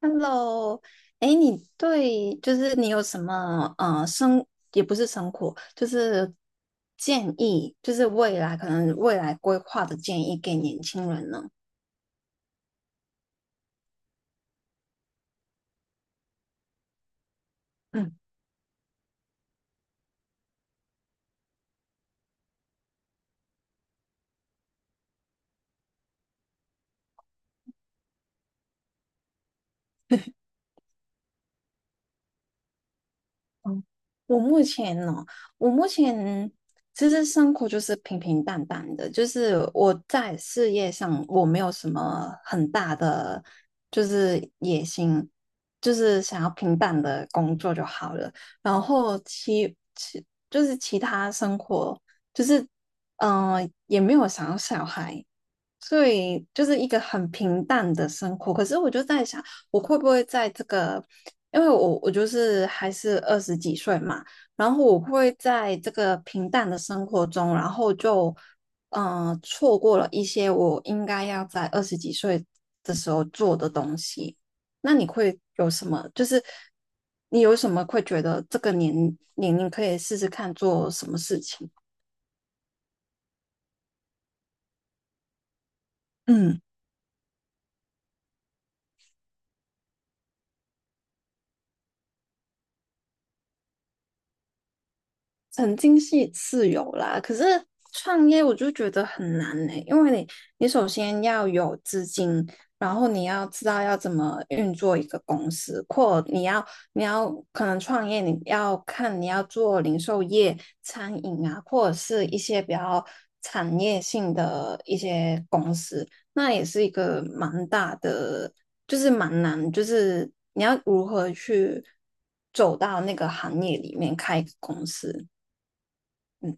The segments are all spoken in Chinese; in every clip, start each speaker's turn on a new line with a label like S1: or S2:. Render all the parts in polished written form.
S1: Hello，哎，你对就是你有什么也不是生活，就是建议，就是未来可能未来规划的建议给年轻人呢？嗯，嗯，我目前呢，我目前其实生活就是平平淡淡的，就是我在事业上我没有什么很大的就是野心，就是想要平淡的工作就好了。然后就是其他生活，就是也没有想要小孩，所以就是一个很平淡的生活。可是我就在想，我会不会在这个，因为我就是还是二十几岁嘛，然后我会在这个平淡的生活中，然后就嗯、错过了一些我应该要在二十几岁的时候做的东西。那你会有什么？就是你有什么会觉得这个年龄可以试试看做什么事情？嗯。曾经是自由啦，可是创业我就觉得很难呢、因为你首先要有资金，然后你要知道要怎么运作一个公司，或你要可能创业，你要看你要做零售业、餐饮啊，或者是一些比较产业性的一些公司，那也是一个蛮大的，就是蛮难，就是你要如何去走到那个行业里面开一个公司。嗯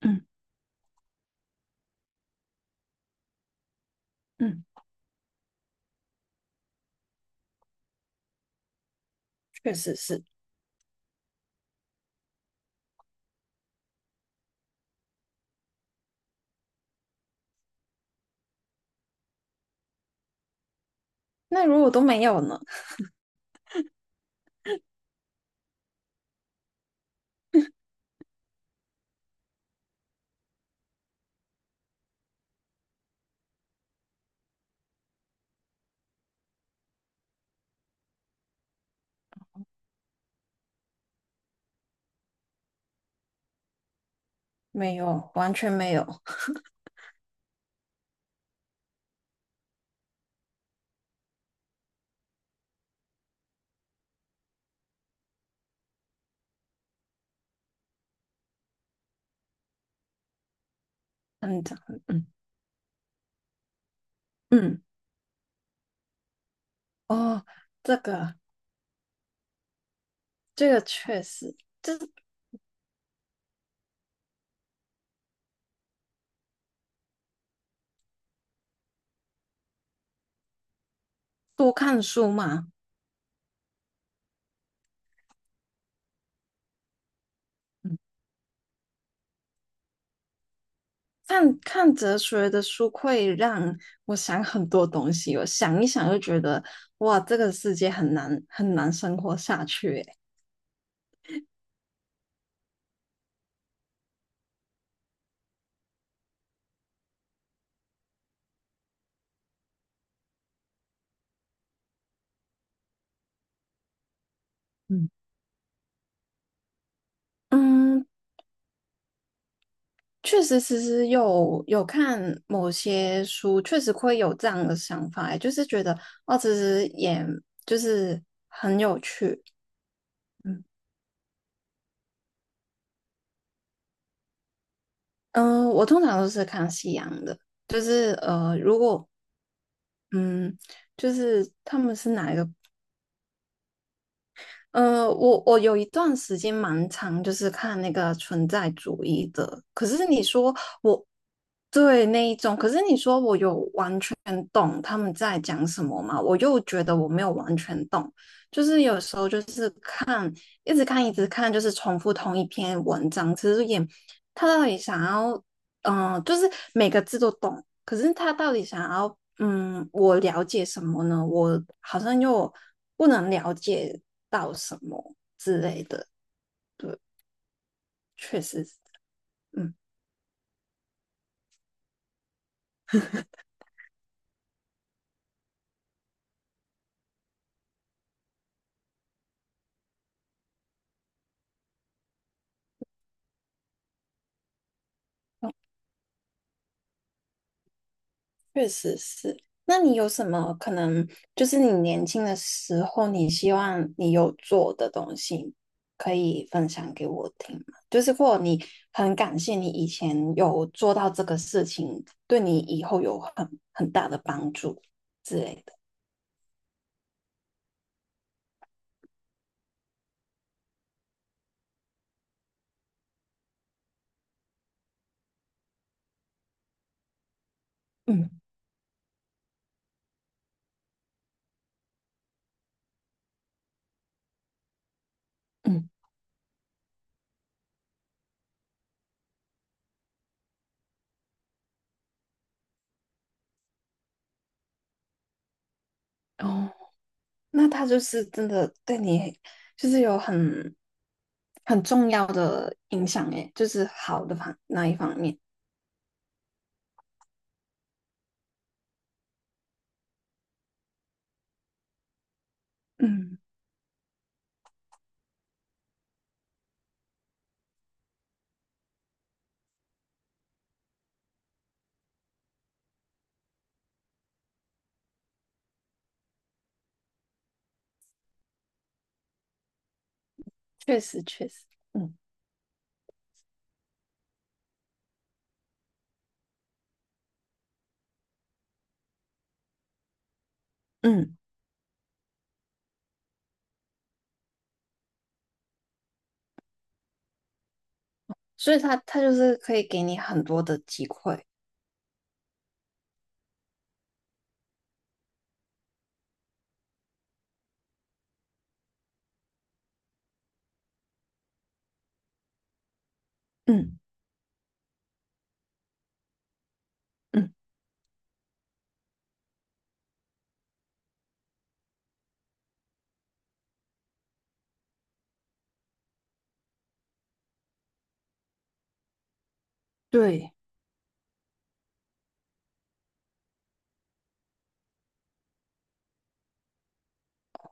S1: 嗯嗯，确实是。那如果都没有呢？没有，完全没有。嗯嗯嗯，哦，这个这个确实，就是多看书嘛。嗯，看看哲学的书会让我想很多东西，我想一想就觉得，哇，这个世界很难很难生活下去欸。嗯嗯，确实，其实有看某些书，确实会有这样的想法欸，就是觉得哦，其实也就是很有趣。嗯嗯、我通常都是看西洋的，就是如果嗯，就是他们是哪一个呃，我有一段时间蛮长，就是看那个存在主义的。可是你说我对那一种，可是你说我有完全懂他们在讲什么嘛？我又觉得我没有完全懂，就是有时候就是看，一直看，一直看，就是重复同一篇文章，其实也他到底想要就是每个字都懂，可是他到底想要，我了解什么呢？我好像又不能了解到什么之类的。对，确实是，嗯，确实是。那你有什么可能，就是你年轻的时候，你希望你有做的东西，可以分享给我听吗？就是或者你很感谢你以前有做到这个事情，对你以后有很大的帮助之类的。嗯。嗯，哦，那他就是真的对你，就是有很重要的影响诶，就是好的方那一方面，嗯，确实确实，嗯嗯，所以他就是可以给你很多的机会，嗯嗯，对，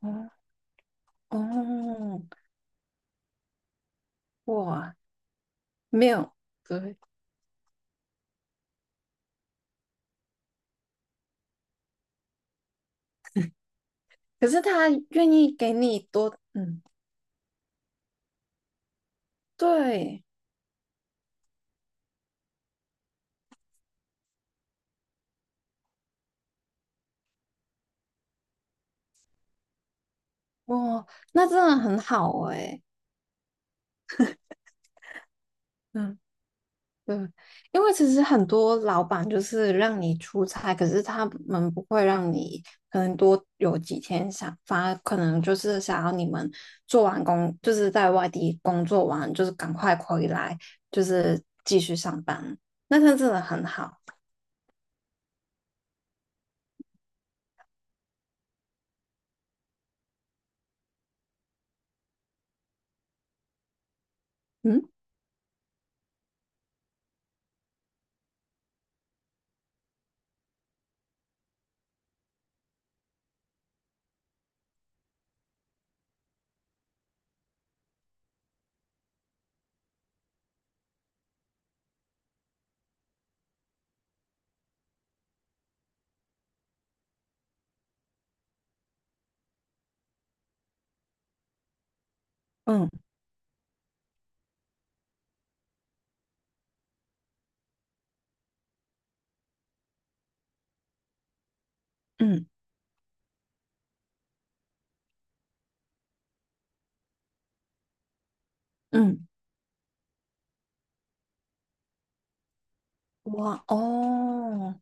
S1: 哦哦，哇，没有，对，可是他愿意给你多，嗯，对，哇，那真的很好诶，嗯。嗯，因为其实很多老板就是让你出差，可是他们不会让你可能多有几天想，反而可能就是想要你们做完工，就是在外地工作完，就是赶快回来，就是继续上班。那他真的很好，嗯嗯嗯嗯，哇哦，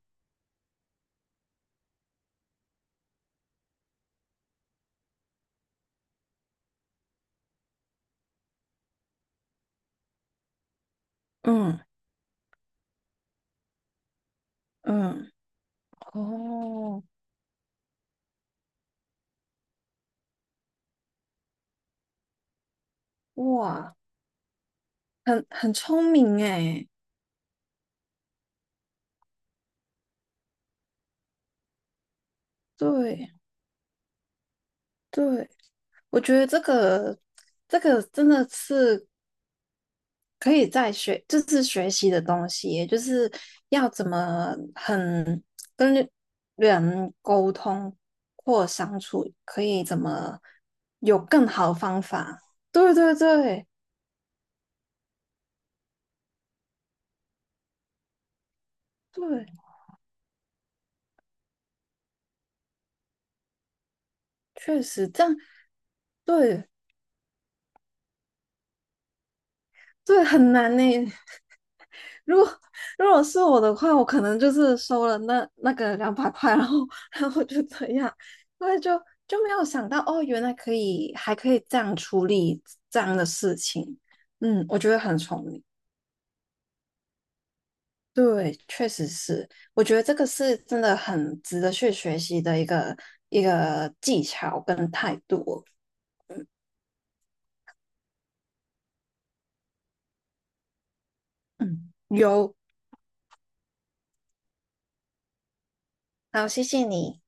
S1: 嗯嗯哦，哇，很聪明诶，对。对，我觉得这个真的是可以在学，就是学习的东西耶就是要怎么很跟人沟通或相处，可以怎么有更好的方法。对对对对，确实这样，对对很难呢。如果如果是我的话，我可能就是收了那个200块，然后就这样，因为就没有想到哦，原来可以还可以这样处理这样的事情。嗯，我觉得很聪明。对，确实是，我觉得这个是真的很值得去学习的一个技巧跟态度哦嗯，有，好，谢谢你。